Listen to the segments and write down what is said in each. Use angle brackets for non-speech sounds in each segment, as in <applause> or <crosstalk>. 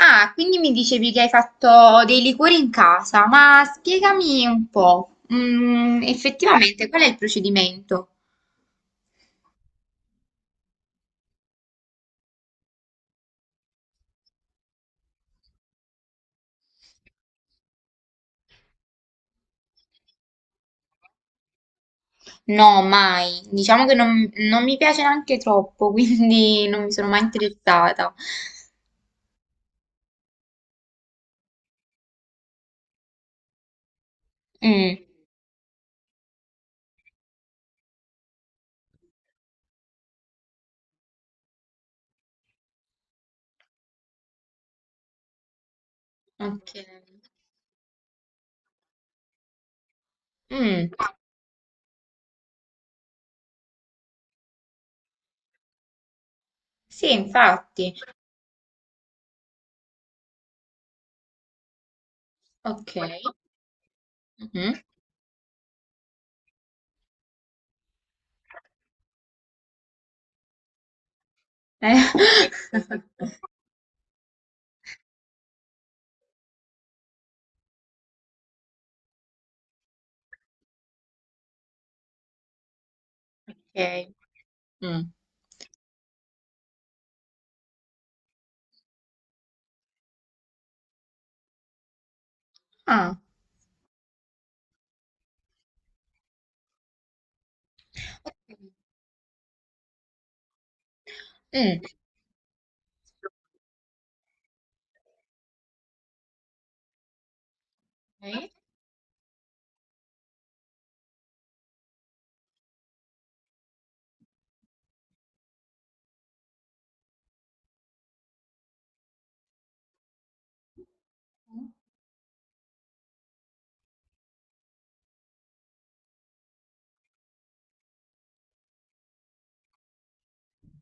Ah, quindi mi dicevi che hai fatto dei liquori in casa, ma spiegami un po', effettivamente qual è il procedimento? No, mai. Diciamo che non mi piace neanche troppo, <laughs> quindi non mi sono mai interessata. Mm, ok. Mm, sì, infatti. Ok. Mhm. Eh, <laughs> Ok. Mm. Ah. Mm. Ok.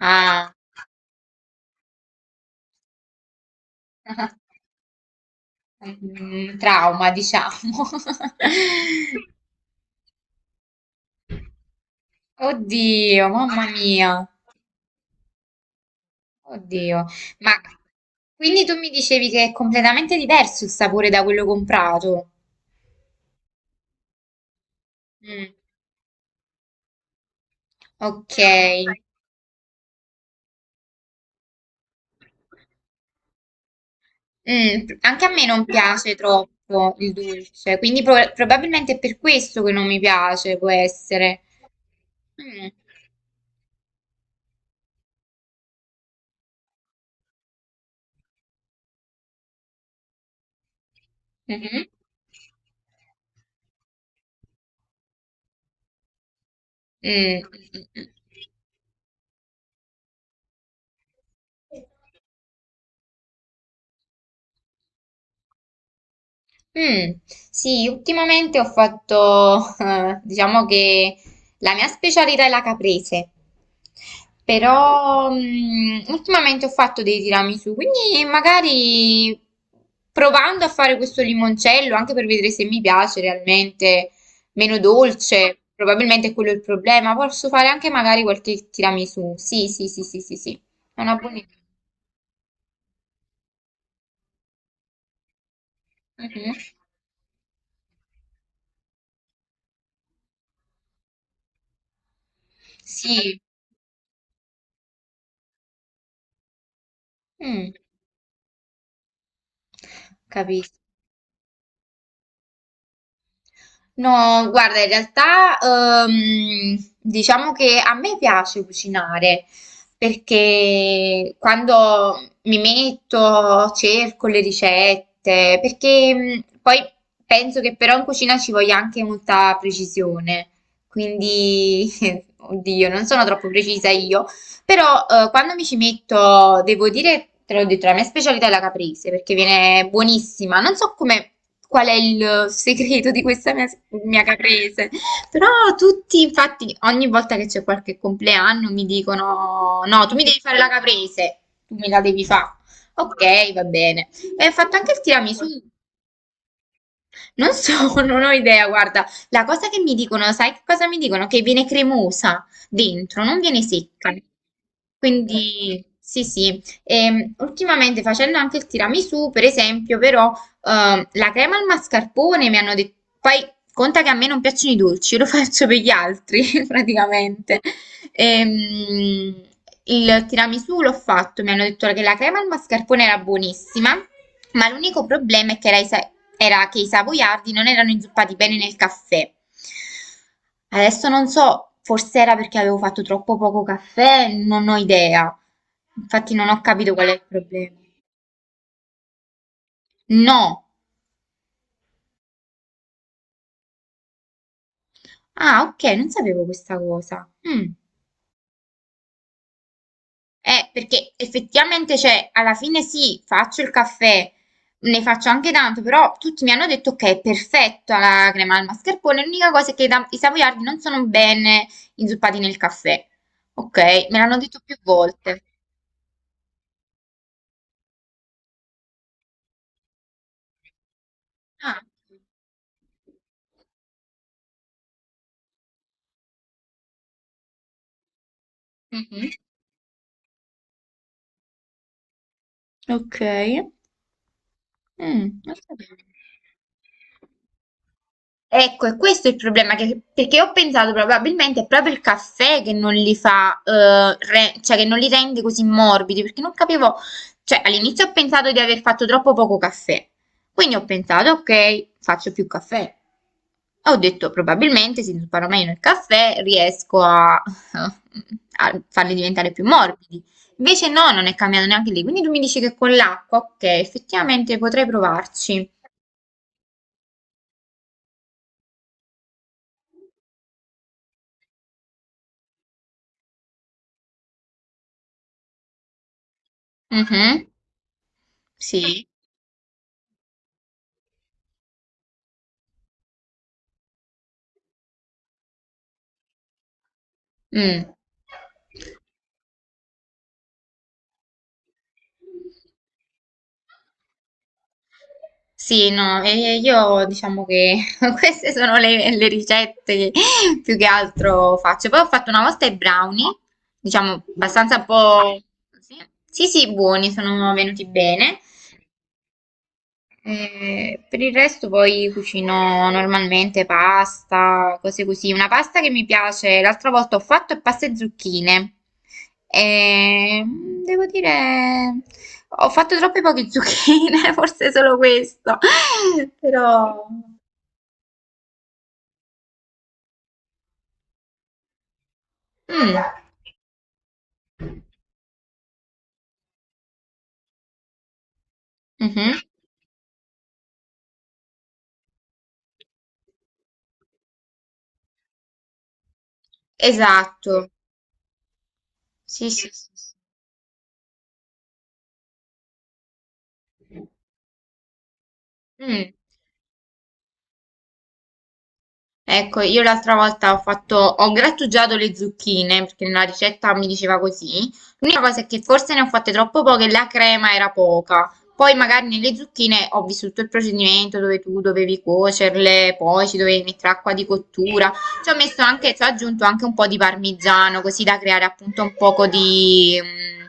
Ah. <laughs> Mm, trauma, diciamo. <laughs> Oddio, mamma mia, oddio. Ma quindi tu mi dicevi che è completamente diverso il sapore da quello comprato? Mm, ok. Mm, anche a me non piace troppo il dolce, quindi probabilmente è per questo che non mi piace, può essere. Mm, mhm, mm, mm, mm. Mm, sì, ultimamente ho fatto, <laughs> diciamo che la mia specialità è la caprese, però ultimamente ho fatto dei tiramisù, quindi magari provando a fare questo limoncello, anche per vedere se mi piace realmente, meno dolce, probabilmente quello è il problema, posso fare anche magari qualche tiramisù, sì, sì, sì, sì, sì, sì, è una buona idea. Mhm. Sì, mm, capisco. No, guarda, in realtà diciamo che a me piace cucinare perché quando mi metto cerco le ricette, perché poi penso che però in cucina ci voglia anche molta precisione, quindi <laughs> oddio, non sono troppo precisa io, però quando mi ci metto, devo dire, te l'ho detto, la mia specialità è la caprese perché viene buonissima. Non so come, qual è il segreto di questa mia caprese, però tutti, infatti, ogni volta che c'è qualche compleanno mi dicono: No, tu mi devi fare la caprese, tu me la devi fare. Ok, va bene. E ho fatto anche il tiramisù. Non so, <laughs> non ho idea, guarda, la cosa che mi dicono, sai che cosa mi dicono? Che viene cremosa dentro, non viene secca. Quindi, sì, sì. Ultimamente facendo anche il tiramisù, per esempio, però, la crema al mascarpone mi hanno detto, poi conta che a me non piacciono i dolci, <laughs> io lo faccio per gli altri, <laughs> praticamente. Ehm, il tiramisù l'ho fatto, mi hanno detto che la crema al mascarpone era buonissima, ma l'unico problema è che era, era che i savoiardi non erano inzuppati bene nel caffè. Adesso non so, forse era perché avevo fatto troppo poco caffè, non ho idea. Infatti non ho capito qual è il problema. No. Ah, ok, non sapevo questa cosa. Mm. Perché effettivamente, cioè, alla fine sì, faccio il caffè, ne faccio anche tanto, però tutti mi hanno detto che è perfetta la crema al mascarpone, l'unica cosa è che i savoiardi non sono bene inzuppati nel caffè. Ok, me l'hanno detto più volte. Ah, mhm, ok. Mm, non sapevo. Ecco, è questo è il problema, perché ho pensato probabilmente è proprio il caffè che non li fa, cioè che non li rende così morbidi, perché non capivo, cioè all'inizio ho pensato di aver fatto troppo poco caffè, quindi ho pensato, ok, faccio più caffè. Ho detto, probabilmente se imparo meno il caffè riesco a, a farli diventare più morbidi. Invece no, non è cambiato neanche lì, quindi tu mi dici che con l'acqua, ok, effettivamente potrei provarci. Mhm, sì. Mm. Sì, no, e io diciamo che <laughs> queste sono le ricette che più che altro faccio. Poi ho fatto una volta i brownie, diciamo abbastanza un po'... Sì, sì, sì, buoni, sono venuti bene. Per il resto poi cucino normalmente pasta, cose così. Una pasta che mi piace, l'altra volta ho fatto è pasta e zucchine. E devo dire, ho fatto troppe poche zucchine, <laughs> forse solo questo. <laughs> Però... Mm, mhm, esatto. Sì, sì, sì. Sì. Mm. Ecco, io l'altra volta ho fatto, ho grattugiato le zucchine perché nella ricetta mi diceva così. L'unica cosa è che forse ne ho fatte troppo poche e la crema era poca. Poi magari nelle zucchine ho vissuto il procedimento dove tu dovevi cuocerle, poi ci dovevi mettere acqua di cottura. Ci ho messo anche, ci ho aggiunto anche un po' di parmigiano così da creare appunto un poco di, mm,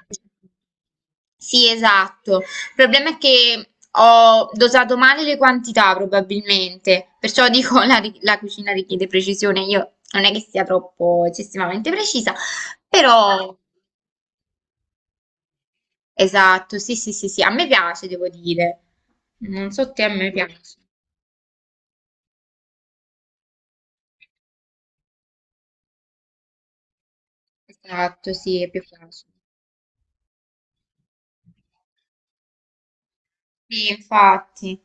sì, esatto. Il problema è che ho dosato male le quantità, probabilmente. Perciò dico, la cucina richiede precisione. Io non è che sia troppo eccessivamente precisa, però esatto, sì, sì, sì, sì, a me piace, devo dire. Non so te, a me piace. Esatto, sì, è più facile. Sì, infatti,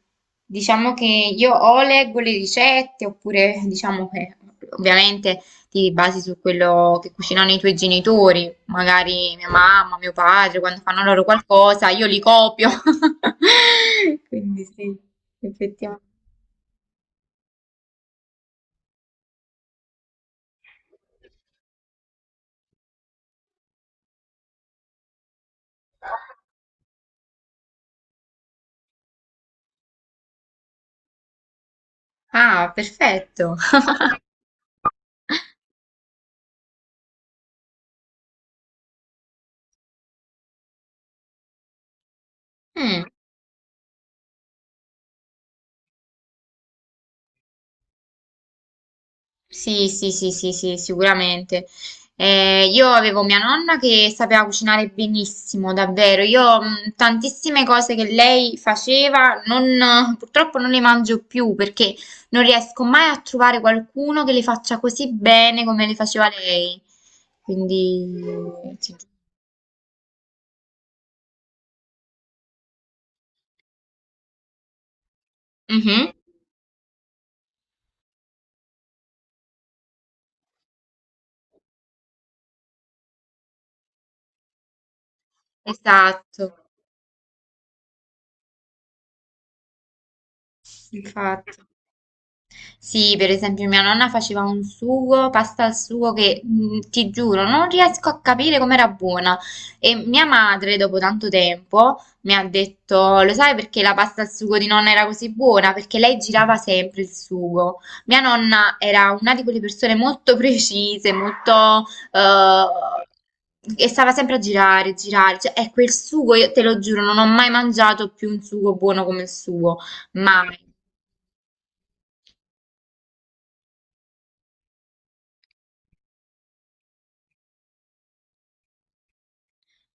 diciamo che io o leggo le ricette oppure diciamo che ovviamente ti basi su quello che cucinano i tuoi genitori, magari mia mamma, mio padre, quando fanno loro qualcosa, io li copio. <laughs> Quindi sì, effettivamente. Ah, perfetto. <laughs> Mm. Sì, sì, sì, sì, sì, sicuramente. Io avevo mia nonna che sapeva cucinare benissimo, davvero. Io tantissime cose che lei faceva, purtroppo non le mangio più perché non riesco mai a trovare qualcuno che le faccia così bene come le faceva lei. Quindi, sì. Mhm. Esatto, infatti. Sì, per esempio mia nonna faceva un sugo, pasta al sugo che ti giuro, non riesco a capire com'era buona. E mia madre, dopo tanto tempo, mi ha detto, lo sai perché la pasta al sugo di nonna era così buona? Perché lei girava sempre il sugo. Mia nonna era una di quelle persone molto <laughs> precise, molto... eh, e stava sempre a girare, girare. Cioè, ecco, il sugo, io te lo giuro, non ho mai mangiato più un sugo buono come il suo. Mai.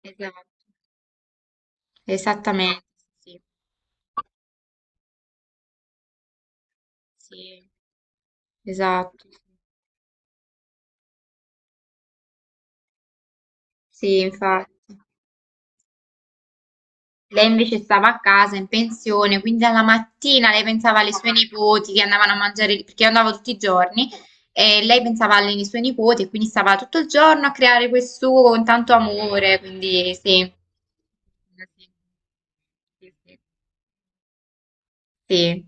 Esatto. Esattamente, sì, sì, esatto, sì, infatti. Lei invece stava a casa in pensione, quindi alla mattina lei pensava alle sue nipoti che andavano a mangiare, perché io andavo tutti i giorni, e lei pensava alle sue nipoti e quindi stava tutto il giorno a creare quel sugo con tanto amore, quindi sì. Sì, sì.